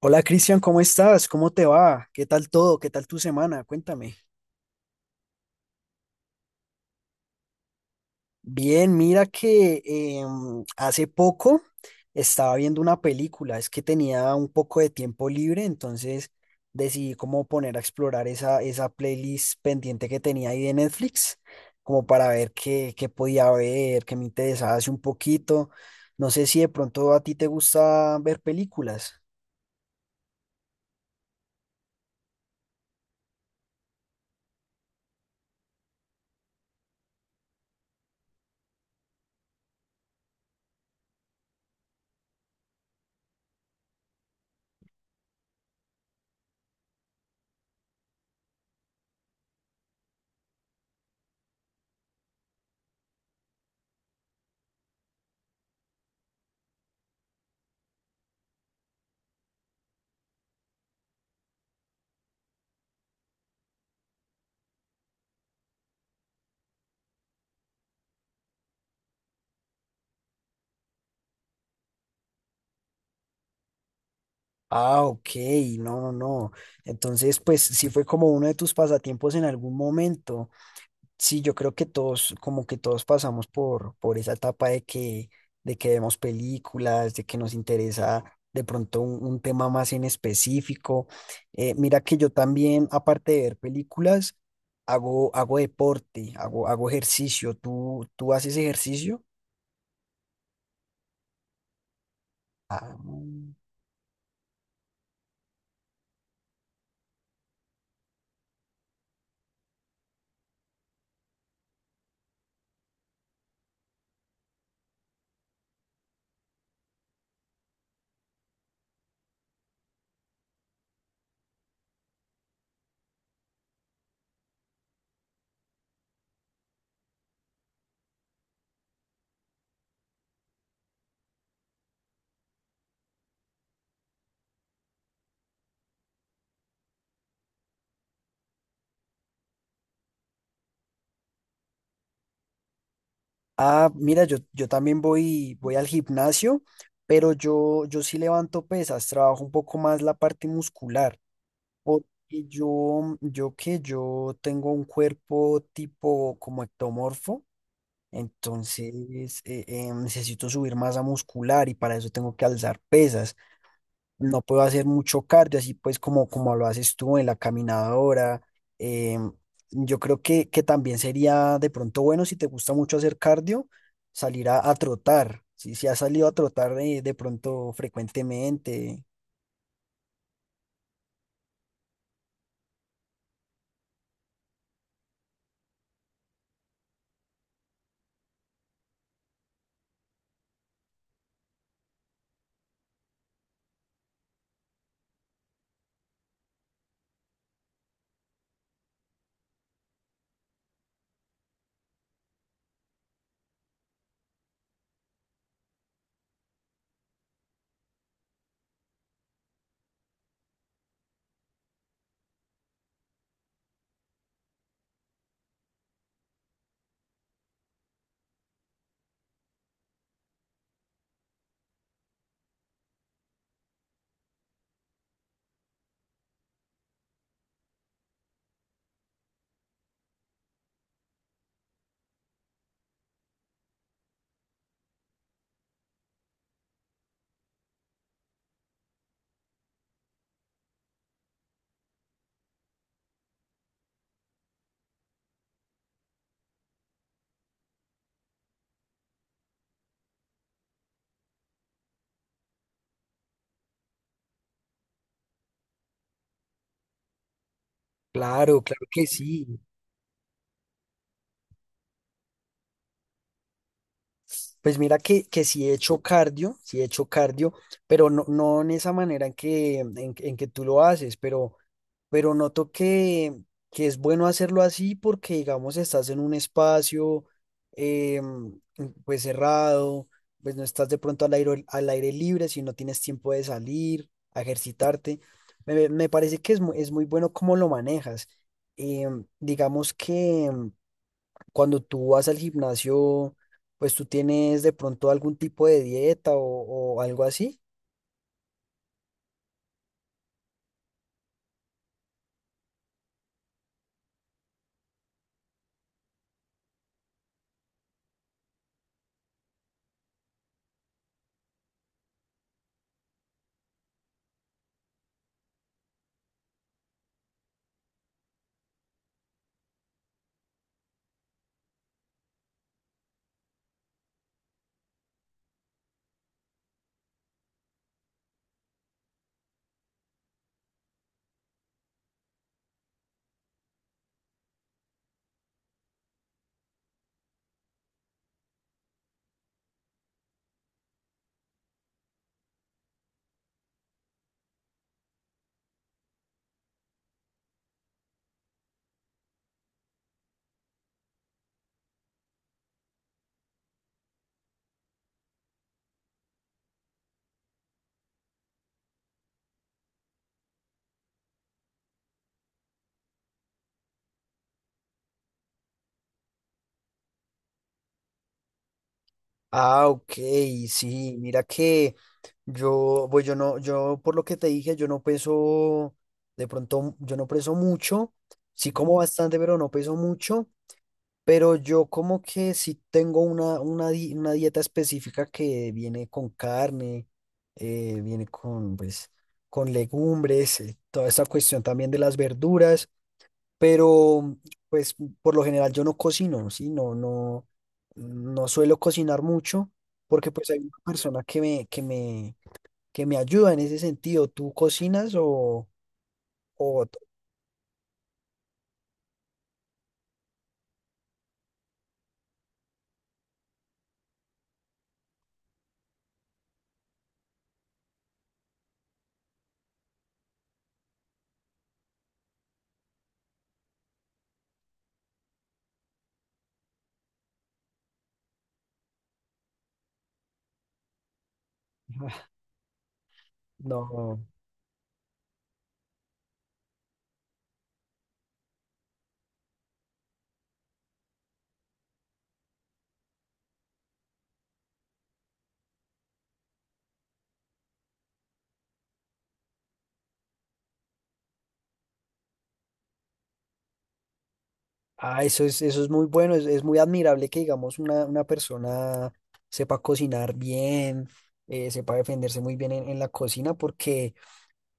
Hola Cristian, ¿cómo estás? ¿Cómo te va? ¿Qué tal todo? ¿Qué tal tu semana? Cuéntame. Bien, mira que hace poco estaba viendo una película, es que tenía un poco de tiempo libre, entonces decidí como poner a explorar esa playlist pendiente que tenía ahí de Netflix, como para ver qué podía ver, qué me interesaba hace un poquito. No sé si de pronto a ti te gusta ver películas. Ah, ok, no, no, no. Entonces, pues sí fue como uno de tus pasatiempos en algún momento. Sí, yo creo que todos, como que todos pasamos por esa etapa de que vemos películas, de que nos interesa de pronto un tema más en específico. Mira que yo también, aparte de ver películas, hago deporte, hago ejercicio. ¿Tú haces ejercicio? Ah, no. Ah, mira, yo también voy al gimnasio, pero yo sí levanto pesas, trabajo un poco más la parte muscular, porque yo tengo un cuerpo tipo como ectomorfo, entonces necesito subir masa muscular y para eso tengo que alzar pesas. No puedo hacer mucho cardio, así pues como, como lo haces tú en la caminadora. em, yo creo que también sería de pronto bueno si te gusta mucho hacer cardio, salir a trotar. Si has salido a trotar de pronto frecuentemente. Claro, claro que sí. Pues mira que sí he hecho cardio, sí he hecho cardio, pero no, no en esa manera en que, en que tú lo haces, pero noto que es bueno hacerlo así porque, digamos, estás en un espacio eh, pues cerrado, pues no estás de pronto al aire libre, si no tienes tiempo de salir, a ejercitarte. Me parece que es muy bueno cómo lo manejas. Digamos que cuando tú vas al gimnasio, pues tú tienes de pronto algún tipo de dieta o algo así. Ah, ok, sí, mira que yo, pues yo no, yo por lo que te dije, yo no peso, de pronto, yo no peso mucho, sí como bastante, pero no peso mucho, pero yo como que sí tengo una dieta específica que viene con carne, viene con, pues, con legumbres, toda esta cuestión también de las verduras, pero pues por lo general yo no cocino, sí, no, no, no suelo cocinar mucho, porque pues hay una persona que me ayuda en ese sentido. ¿Tú cocinas o t- ah, no? Ah, eso es muy bueno, es muy admirable que digamos una persona sepa cocinar bien, sepa defenderse muy bien en la cocina, porque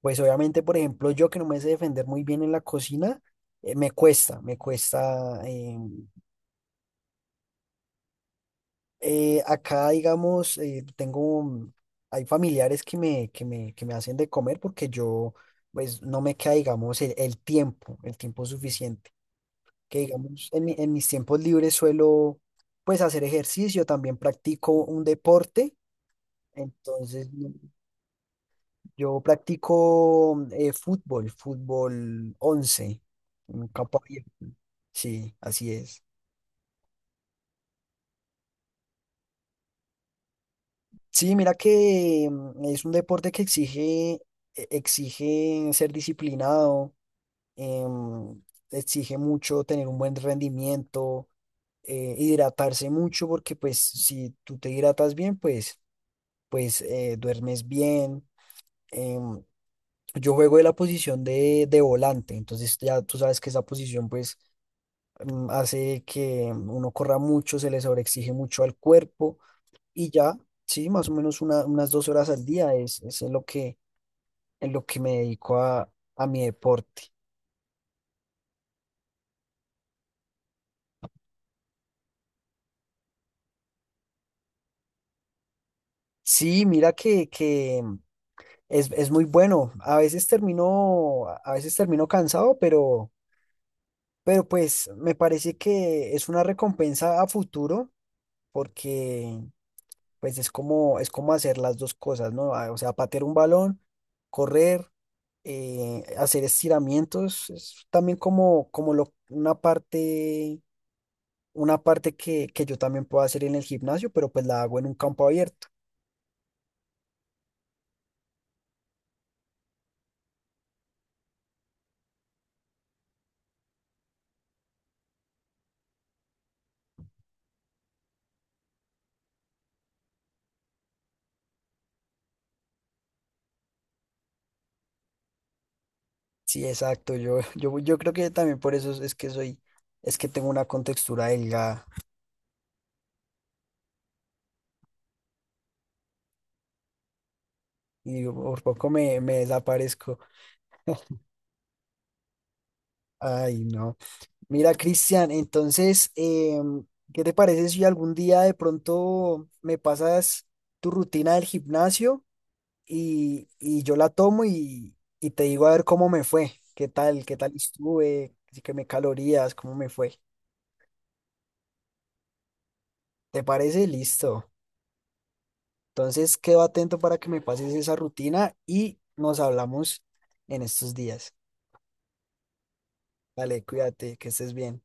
pues obviamente, por ejemplo, yo que no me sé defender muy bien en la cocina, me cuesta, acá, digamos, tengo, un- hay familiares que me hacen de comer porque yo, pues, no me queda, digamos, el tiempo suficiente. Que, digamos, en, mi- en mis tiempos libres suelo, pues, hacer ejercicio, también practico un deporte. Entonces, no- yo practico fútbol, fútbol 11 en campo abierto. Sí, así es. Sí, mira que es un deporte que exige, e- exige ser disciplinado, em, exige mucho tener un buen rendimiento, hidratarse mucho, porque pues si tú te hidratas bien, pues, pues duermes bien. em, yo juego de la posición de volante, entonces ya tú sabes que esa posición pues hace que uno corra mucho, se le sobreexige mucho al cuerpo y ya, sí, más o menos una- unas dos horas al día es en lo que me dedico a mi deporte. Sí, mira que, es muy bueno. A veces termino cansado, pero pues me parece que es una recompensa a futuro porque pues es como hacer las dos cosas, ¿no? Ah, o sea, patear un balón, correr, hacer estiramientos, es también como, como lo, una parte que yo también puedo hacer en el gimnasio, pero pues la hago en un campo abierto. Sí, exacto. Yo, yo creo que también por eso es que soy, es que tengo una contextura delgada y por poco me, me desaparezco. Ay, no. Mira, Cristian, entonces, ¿qué te parece si algún día de pronto me pasas tu rutina del gimnasio y yo la tomo y te digo a ver cómo me fue? ¿Qué tal? ¿Qué tal estuve? Así que me calorías, ¿cómo me fue? ¿Te parece? Listo. Entonces quedo atento para que me pases esa rutina y nos hablamos en estos días. Dale, cuídate, que estés bien.